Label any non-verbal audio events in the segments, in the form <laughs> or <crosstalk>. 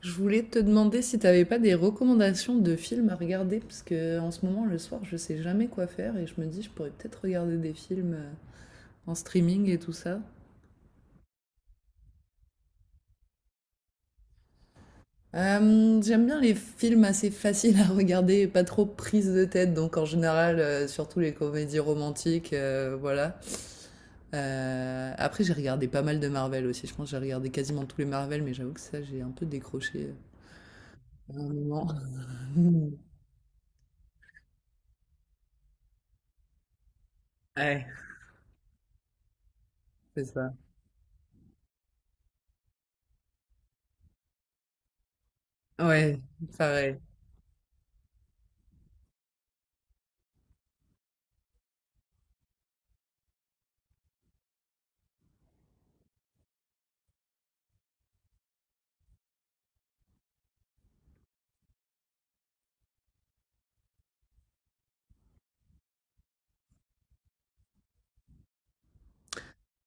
Je voulais te demander si t'avais pas des recommandations de films à regarder, parce que en ce moment, le soir, je sais jamais quoi faire et je me dis, je pourrais peut-être regarder des films en streaming et tout ça. J'aime bien les films assez faciles à regarder et pas trop prises de tête, donc en général, surtout les comédies romantiques, voilà. Après, j'ai regardé pas mal de Marvel aussi. Je pense que j'ai regardé quasiment tous les Marvel, mais j'avoue que ça, j'ai un peu décroché à un moment. <laughs> Ouais, c'est ça. Ouais, pareil.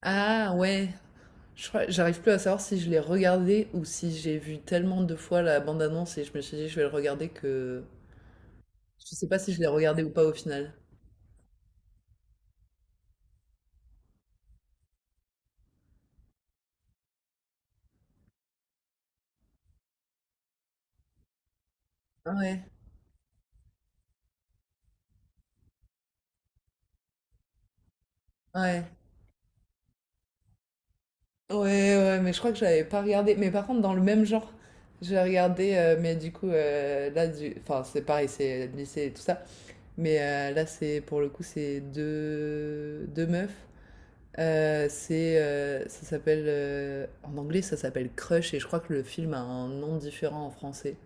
Ah ouais, j'arrive plus à savoir si je l'ai regardé ou si j'ai vu tellement de fois la bande-annonce et je me suis dit je vais le regarder que je sais pas si je l'ai regardé ou pas au final. Ah ouais, ouais, ouais, ouais, mais je crois que j'avais pas regardé. Mais par contre, dans le même genre, j'ai regardé, mais du coup, là, enfin, c'est pareil, c'est le lycée et tout ça. Mais là, c'est pour le coup, c'est deux meufs. Ça s'appelle, en anglais, ça s'appelle Crush et je crois que le film a un nom différent en français.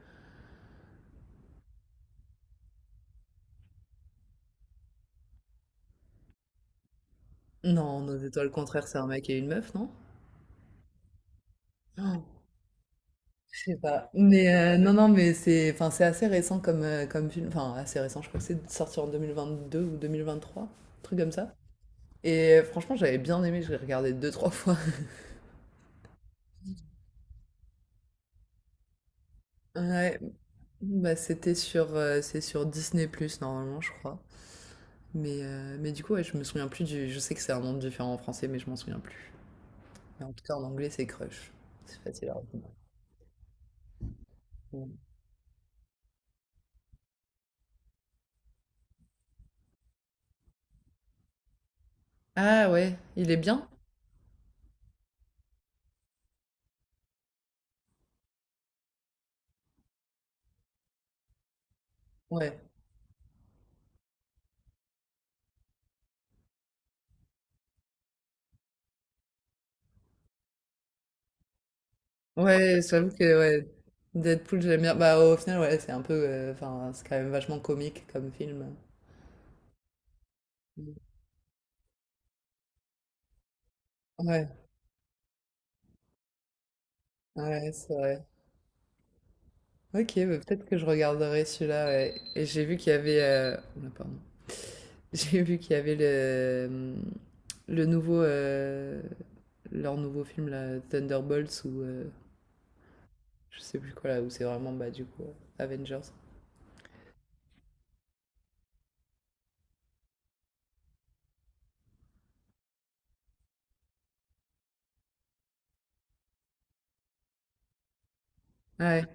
Non, Nos étoiles contraires, c'est un mec et une meuf, non? Oh, je sais pas. Mais non, non, mais c'est, enfin, c'est assez récent comme, comme film. Enfin, assez récent, je crois que c'est sorti en 2022 ou 2023, un truc comme ça. Et franchement, j'avais bien aimé, je l'ai regardé deux, trois fois. <laughs> Ouais, bah c'était sur, c'est sur Disney+, normalement, je crois. Mais du coup, ouais, je me souviens plus Je sais que c'est un nom différent en français, mais je m'en souviens plus. Mais en tout cas, en anglais, c'est Crush. C'est facile à retenir. Mm. Ah ouais, il est bien? Ouais, ouais, j'avoue que ouais, Deadpool, j'aime bien. Bah au final, ouais, c'est un peu. Enfin, c'est quand même vachement comique comme film. Mm. Ouais, ouais, c'est vrai. Ok, bah, peut-être que je regarderai celui-là. Ouais. Et j'ai vu qu'il y avait. Oula, pardon. <laughs> J'ai vu qu'il y avait le nouveau. Leur nouveau film, là, Thunderbolts, ou. Je sais plus quoi, là, où c'est vraiment, bah, du coup, Avengers. Ouais.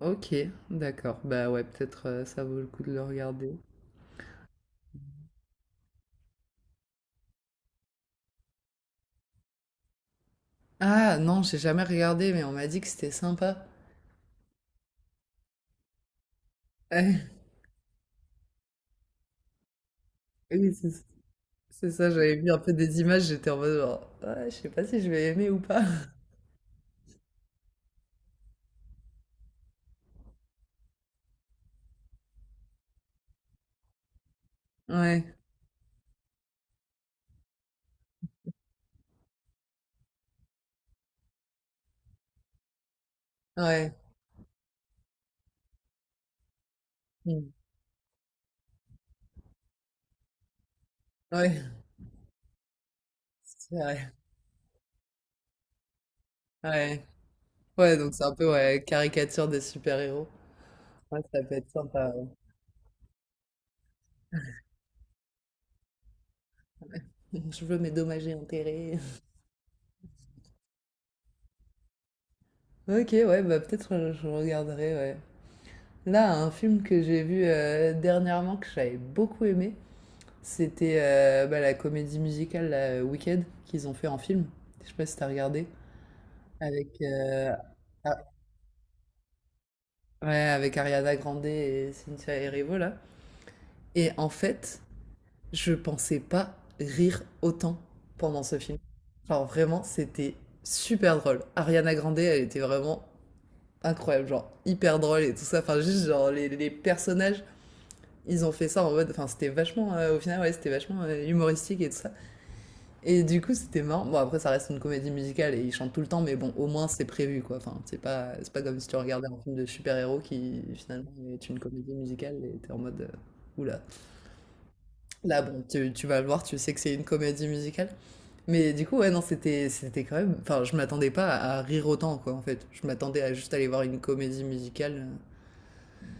Ok, d'accord. Bah ouais, peut-être ça vaut le coup de le regarder. Ah non, j'ai jamais regardé, mais on m'a dit que c'était sympa. Ah, <laughs> Oui, c'est ça, j'avais vu un peu des images, j'étais en mode genre, ouais, je sais pas si je vais aimer ou pas. <laughs> Ouais, ouais, mm, ouais, c'est vrai. Ouais, ouais, donc c'est un peu ouais, caricature des super-héros. Ouais, ça peut être sympa. Ouais. <laughs> Je veux mes dommages et intérêts. <laughs> Ok, ouais, bah peut-être je regarderai, ouais. Là, un film que j'ai vu dernièrement que j'avais beaucoup aimé, c'était bah, la comédie musicale la Wicked qu'ils ont fait en film. Je sais pas si t'as regardé. Avec, ah, ouais, avec Ariana Grande et Cynthia Erivo là. Et en fait, je pensais pas rire autant pendant ce film. Genre vraiment, c'était super drôle. Ariana Grande, elle était vraiment incroyable, genre hyper drôle et tout ça. Enfin, juste genre les personnages, ils ont fait ça en mode. Enfin, c'était vachement, au final, ouais, c'était vachement humoristique et tout ça. Et du coup, c'était marrant. Bon, après, ça reste une comédie musicale et ils chantent tout le temps, mais bon, au moins c'est prévu, quoi. Enfin, c'est pas comme si tu regardais un film de super-héros qui finalement est une comédie musicale et t'es en mode, oula. Là, bon, tu vas le voir, tu sais que c'est une comédie musicale. Mais du coup, ouais, non, c'était quand même. Enfin, je m'attendais pas à rire autant, quoi, en fait. Je m'attendais à juste aller voir une comédie musicale,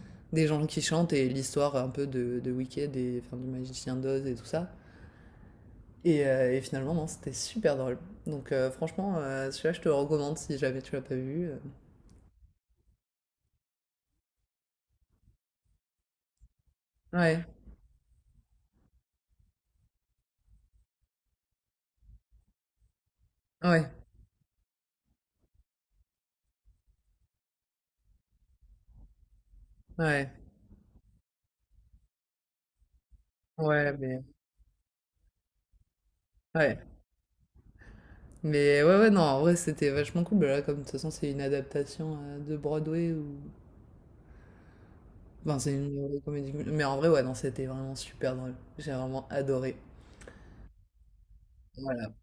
des gens qui chantent et l'histoire un peu de Wicked et enfin, du Magicien d'Oz et tout ça. Et, et finalement, non, c'était super drôle. Donc franchement, celui-là, je te le recommande si jamais tu l'as pas vu. Ouais, ouais, ouais, ouais, mais ouais, mais ouais, ouais, non, en vrai, c'était vachement cool. Bah là, comme de toute façon, c'est une adaptation de Broadway ou, enfin, c'est une comédie, mais en vrai, ouais, non, c'était vraiment super drôle. J'ai vraiment adoré. Voilà.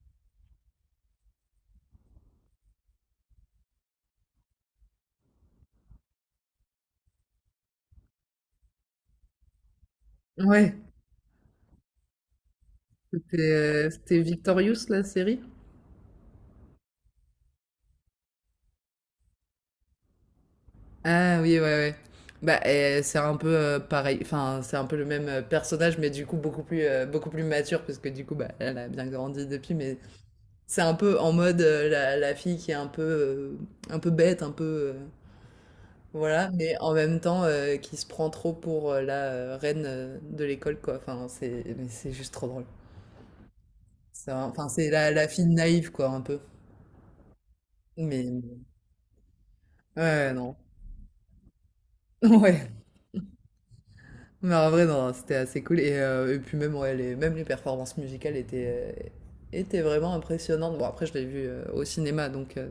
Ouais, c'était c'était Victorious la série. Ah oui, ouais, ouais. Bah, c'est un peu pareil, enfin, c'est un peu le même personnage, mais du coup, beaucoup plus mature, parce que du coup, bah, elle a bien grandi depuis, mais c'est un peu en mode la fille qui est un peu bête, un peu. Voilà, mais en même temps, qui se prend trop pour la reine de l'école, quoi. Enfin, mais c'est juste trop drôle. Enfin, c'est la fille naïve, quoi, un peu. Mais. Ouais, non. <laughs> Ouais. Mais en vrai, non, c'était assez cool. Et puis même, ouais, même les performances musicales étaient, étaient vraiment impressionnantes. Bon, après, je l'ai vu au cinéma, donc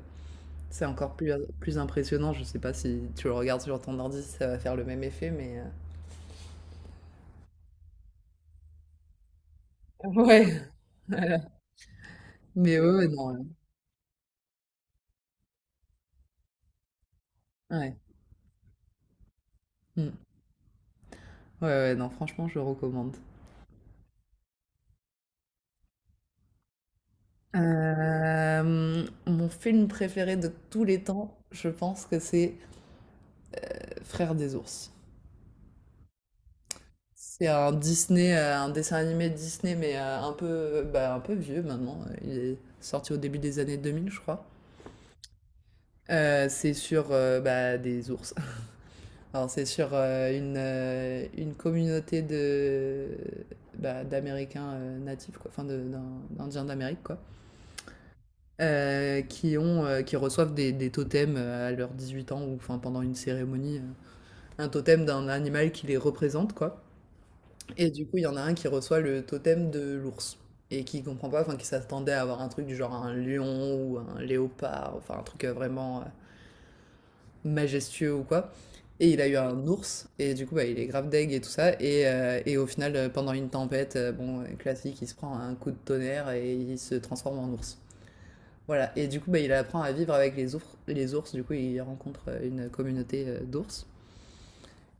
c'est encore plus, impressionnant. Je sais pas si tu le regardes sur ton ordi, si ça va faire le même effet, mais... <laughs> Ouais, voilà. Mais ouais, ouais, non. Ouais. Mm. Ouais, ouais, non, franchement, je recommande. Mon film préféré de tous les temps, je pense que c'est Frères des ours. C'est un Disney, un dessin animé Disney, mais un peu, bah, un peu vieux maintenant. Il est sorti au début des années 2000, je crois. C'est sur bah, des ours. <laughs> Alors, c'est sur une communauté de bah, d'Américains natifs, quoi, enfin d'Indiens d'Amérique, quoi, qui ont, qui reçoivent des totems à leurs 18 ans ou enfin pendant une cérémonie, un totem d'un animal qui les représente, quoi. Et du coup, il y en a un qui reçoit le totem de l'ours et qui comprend pas, enfin qui s'attendait à avoir un truc du genre un lion ou un léopard, enfin un truc vraiment majestueux ou quoi. Et il a eu un ours et du coup bah, il est grave deg et tout ça et au final pendant une tempête, bon classique, il se prend un coup de tonnerre et il se transforme en ours. Voilà et du coup bah, il apprend à vivre avec les ours du coup il rencontre une communauté d'ours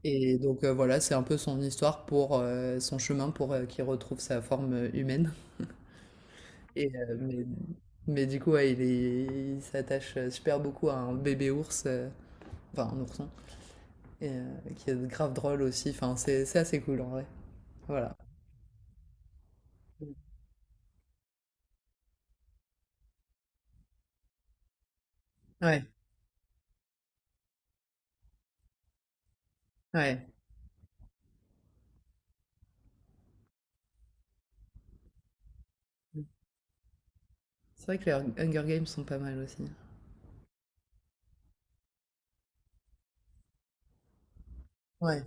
et donc voilà, c'est un peu son histoire pour son chemin pour qu'il retrouve sa forme humaine. Et, mais du coup, ouais, il s'attache super beaucoup à un bébé ours, enfin un ourson, et, qui est grave drôle aussi. Enfin, c'est assez cool en vrai. Voilà. Ouais, ouais. C'est vrai que les Hunger Games sont pas mal aussi. Ouais,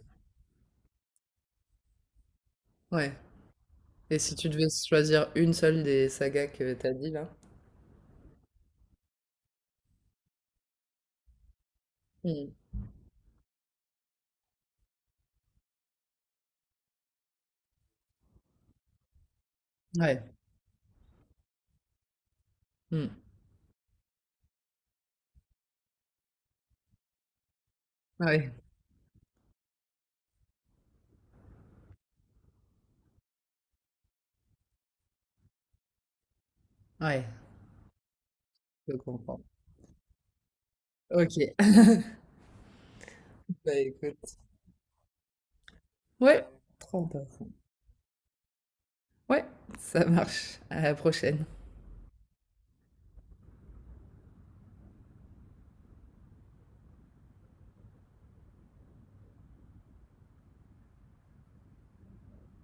ouais. Et si tu devais choisir une seule des sagas que t'as dit là? Hmm. Ouais, hmm. Ouais, ouais, je comprends. Ok. <laughs> Bah écoute. Ouais, trop important. Ouais, ça marche. À la prochaine.